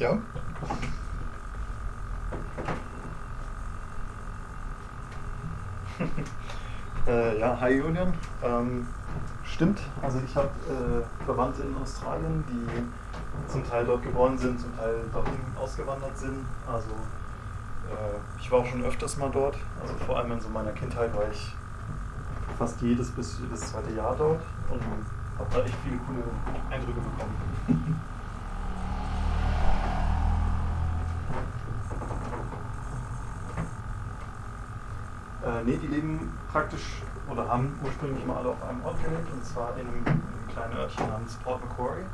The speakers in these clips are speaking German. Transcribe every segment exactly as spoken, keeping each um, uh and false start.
Ja. Äh, ja, Hi Julian. Ähm, stimmt, also ich habe äh, Verwandte in Australien, die zum Teil dort geboren sind, zum Teil dorthin ausgewandert sind. Also äh, ich war auch schon öfters mal dort. Also vor allem in so meiner Kindheit war ich fast jedes bis jedes zweite Jahr dort und habe da echt viele coole Eindrücke bekommen. Äh, nee, die leben praktisch oder haben ursprünglich mal alle auf einem Ort gelebt, und zwar in einem, in einem kleinen Örtchen namens Port Macquarie.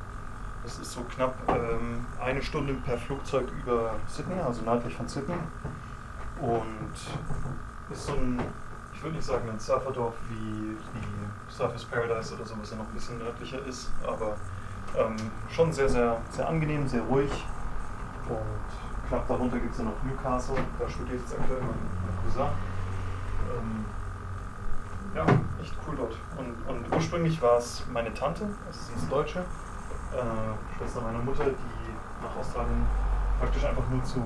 Es ist so knapp ähm, eine Stunde per Flugzeug über Sydney, also nördlich von Sydney. Und ist so ein, ich würde nicht sagen ein Surferdorf wie, wie Surfers Paradise oder so, was ja noch ein bisschen nördlicher ist, aber ähm, schon sehr, sehr, sehr angenehm, sehr ruhig. Und knapp darunter gibt es ja noch Newcastle, da studiert jetzt aktuell mein, mein Cousin. Ähm, ja, echt cool dort. Und, und ursprünglich war es meine Tante, das ist eine Deutsche, äh, Schwester meiner Mutter, die nach Australien praktisch einfach nur zu,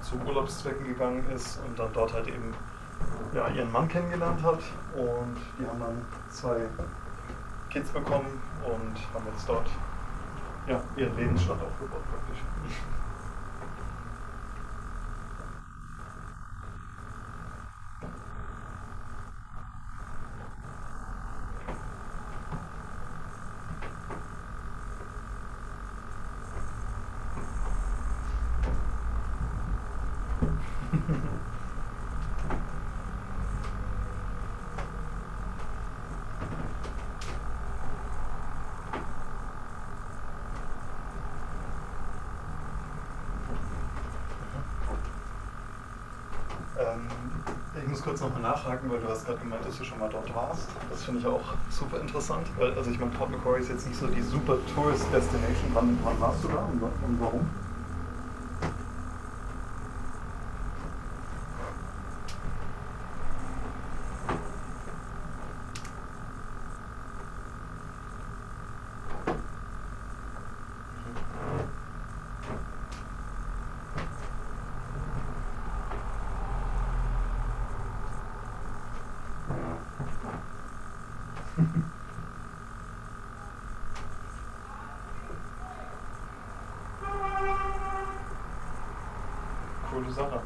zu Urlaubszwecken gegangen ist und dann dort halt eben ja, ihren Mann kennengelernt hat. Und die haben dann zwei Kids bekommen und haben jetzt dort ja, ihren Lebensstand aufgebaut praktisch. Ähm, ich muss kurz nochmal nachhaken, weil du hast gerade gemeint, dass du schon mal dort warst. Das finde ich auch super interessant, weil, also ich meine, Port Macquarie ist jetzt nicht so die super Tourist Destination. Wann, wann warst du da und, und warum? Ja, coole Sache.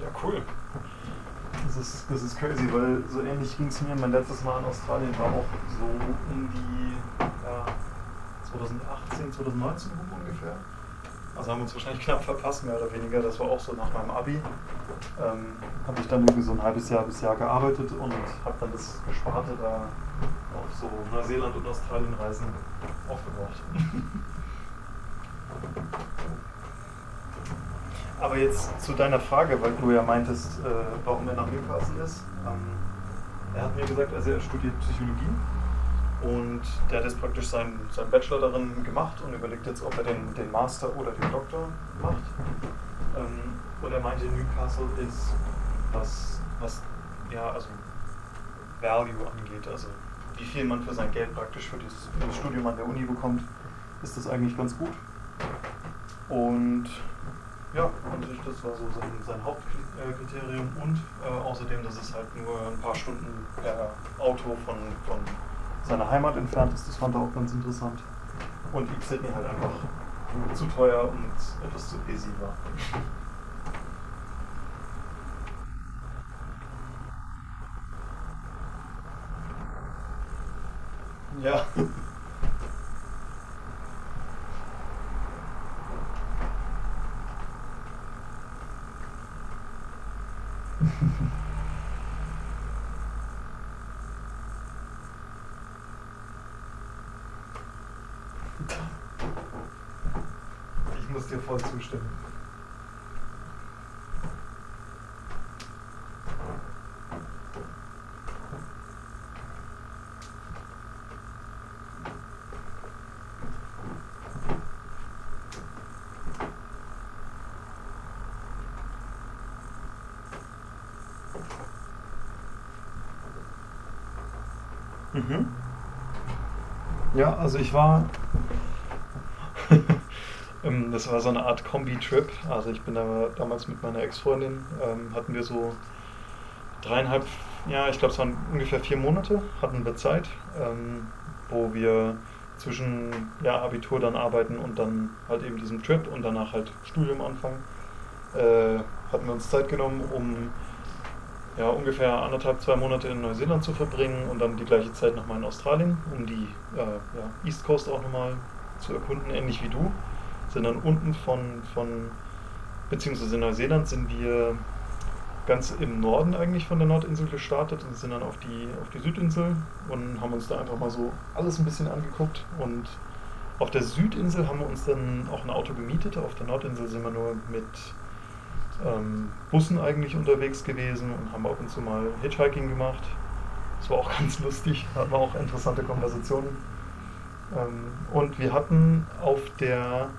Ja, cool. Das ist, das ist crazy, weil so ähnlich ging es mir. Mein letztes Mal in Australien war auch so um die ja, zwanzig achtzehn, zwanzig neunzehn rum ungefähr. Also haben wir uns wahrscheinlich knapp verpasst, mehr oder weniger. Das war auch so nach meinem Abi. Ähm, habe ich dann irgendwie so ein halbes Jahr bis Jahr gearbeitet und habe dann das Gesparte da auf so Neuseeland- und Australienreisen aufgebraucht. Aber jetzt zu deiner Frage, weil du ja meintest, äh, warum er nach Newcastle ist. Ähm, er hat mir gesagt, also er studiert Psychologie. Und der hat jetzt praktisch seinen, seinen Bachelor darin gemacht und überlegt jetzt, ob er den, den Master oder den Doktor macht. Ähm, und er meinte, Newcastle ist, was, was ja, also Value angeht, also wie viel man für sein Geld praktisch für, dieses, für das Studium an der Uni bekommt, ist das eigentlich ganz gut. Und ja, und das war so sein, sein Hauptkriterium. Und äh, außerdem, dass es halt nur ein paar Stunden per Auto von, von seiner Heimat entfernt ist, das fand er auch ganz interessant. Und Deep Sydney halt einfach zu teuer und etwas zu busy war. Ja, ich muss dir voll zustimmen. Mhm. Ja, also ich war. Das war so eine Art Kombi-Trip. Also ich bin da damals mit meiner Ex-Freundin, ähm, hatten wir so dreieinhalb, ja, ich glaube es waren ungefähr vier Monate, hatten wir Zeit, ähm, wo wir zwischen ja, Abitur, dann arbeiten und dann halt eben diesem Trip und danach halt Studium anfangen. Äh, hatten wir uns Zeit genommen, um ja, ungefähr anderthalb, zwei Monate in Neuseeland zu verbringen und dann die gleiche Zeit nochmal in Australien, um die äh, ja, East Coast auch nochmal zu erkunden, ähnlich wie du. Sind dann unten von, von, beziehungsweise in Neuseeland sind wir ganz im Norden eigentlich von der Nordinsel gestartet und sind dann auf die, auf die Südinsel und haben uns da einfach mal so alles ein bisschen angeguckt, und auf der Südinsel haben wir uns dann auch ein Auto gemietet, auf der Nordinsel sind wir nur mit ähm, Bussen eigentlich unterwegs gewesen und haben ab und zu mal Hitchhiking gemacht, das war auch ganz lustig, hatten wir auch interessante Konversationen. Ähm, und wir hatten auf der,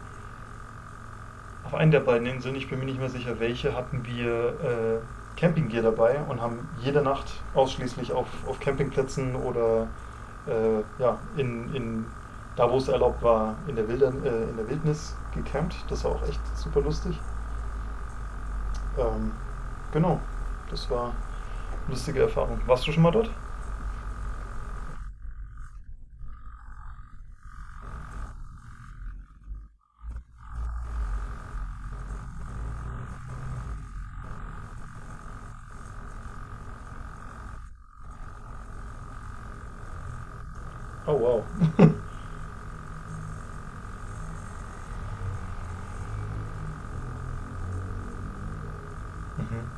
auf einen der beiden Inseln, ich bin mir nicht mehr sicher welche, hatten wir äh, Campinggear dabei und haben jede Nacht ausschließlich auf, auf Campingplätzen oder äh, ja, in, in, da wo es erlaubt war, in der, Wilder, äh, in der Wildnis gecampt. Das war auch echt super lustig. Ähm, genau, das war eine lustige Erfahrung. Warst du schon mal dort? Oh wow. Mhm.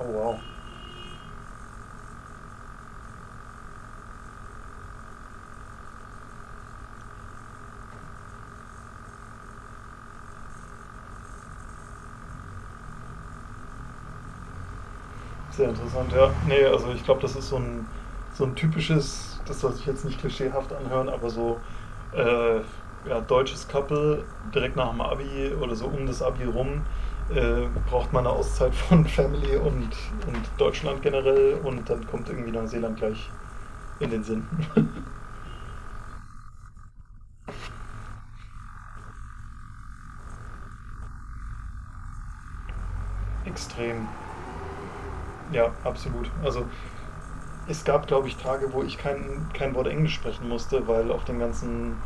Oh wow. Sehr interessant, ja. Nee, also ich glaube, das ist so ein, so ein typisches, das soll sich jetzt nicht klischeehaft anhören, aber so äh, ja, deutsches Couple direkt nach dem Abi oder so um das Abi rum, äh, braucht man eine Auszeit von Family und, und Deutschland generell, und dann kommt irgendwie Neuseeland gleich in den Sinn. Extrem, ja, absolut. Also es gab, glaube ich, Tage, wo ich kein, kein Wort Englisch sprechen musste, weil auf den ganzen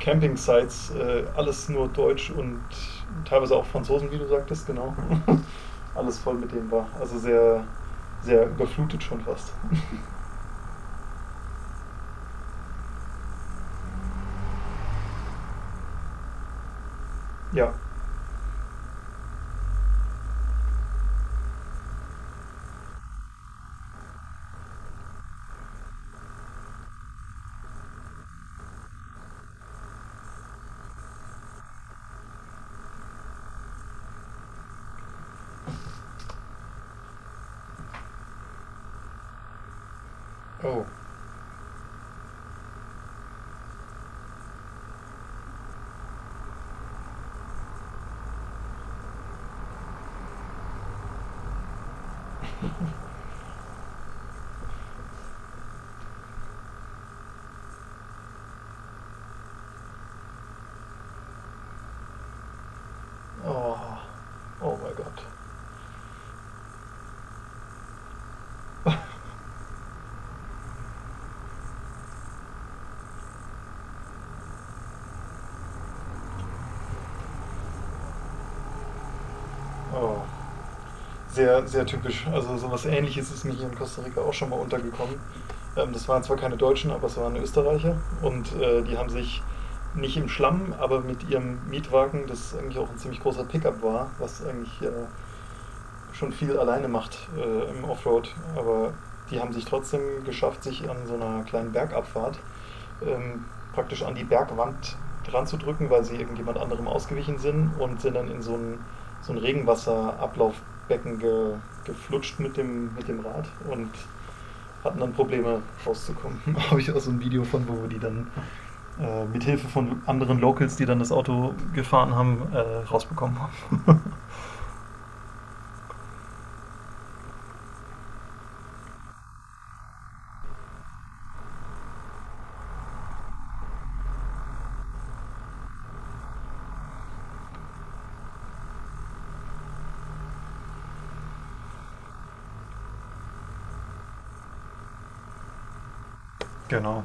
Camping-Sites äh, alles nur Deutsch und teilweise auch Franzosen, wie du sagtest, genau. alles voll mit denen war. Also sehr, sehr überflutet schon fast. ja. Oh. Oh. Oh mein Gott. Oh. Sehr, sehr typisch. Also so was ähnliches ist mir hier in Costa Rica auch schon mal untergekommen. Ähm, das waren zwar keine Deutschen, aber es waren Österreicher, und äh, die haben sich nicht im Schlamm, aber mit ihrem Mietwagen, das eigentlich auch ein ziemlich großer Pickup war, was eigentlich äh, schon viel alleine macht äh, im Offroad, aber die haben sich trotzdem geschafft, sich an so einer kleinen Bergabfahrt ähm, praktisch an die Bergwand dran zu drücken, weil sie irgendjemand anderem ausgewichen sind und sind dann in so ein, so ein Regenwasserablaufbecken ge-, geflutscht mit dem, mit dem Rad und hatten dann Probleme rauszukommen. Habe ich auch so ein Video von, wo wir die dann äh, mit Hilfe von anderen Locals, die dann das Auto gefahren haben, äh, rausbekommen haben. Genau.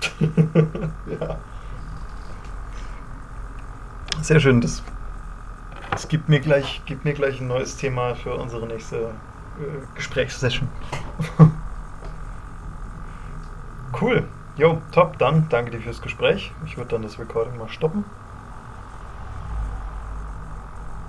ja. Sehr schön. Das, das gibt, mir gleich, gibt mir gleich ein neues Thema für unsere nächste äh, Gesprächssession. Cool. Jo, top, dann danke dir fürs Gespräch. Ich würde dann das Recording mal stoppen.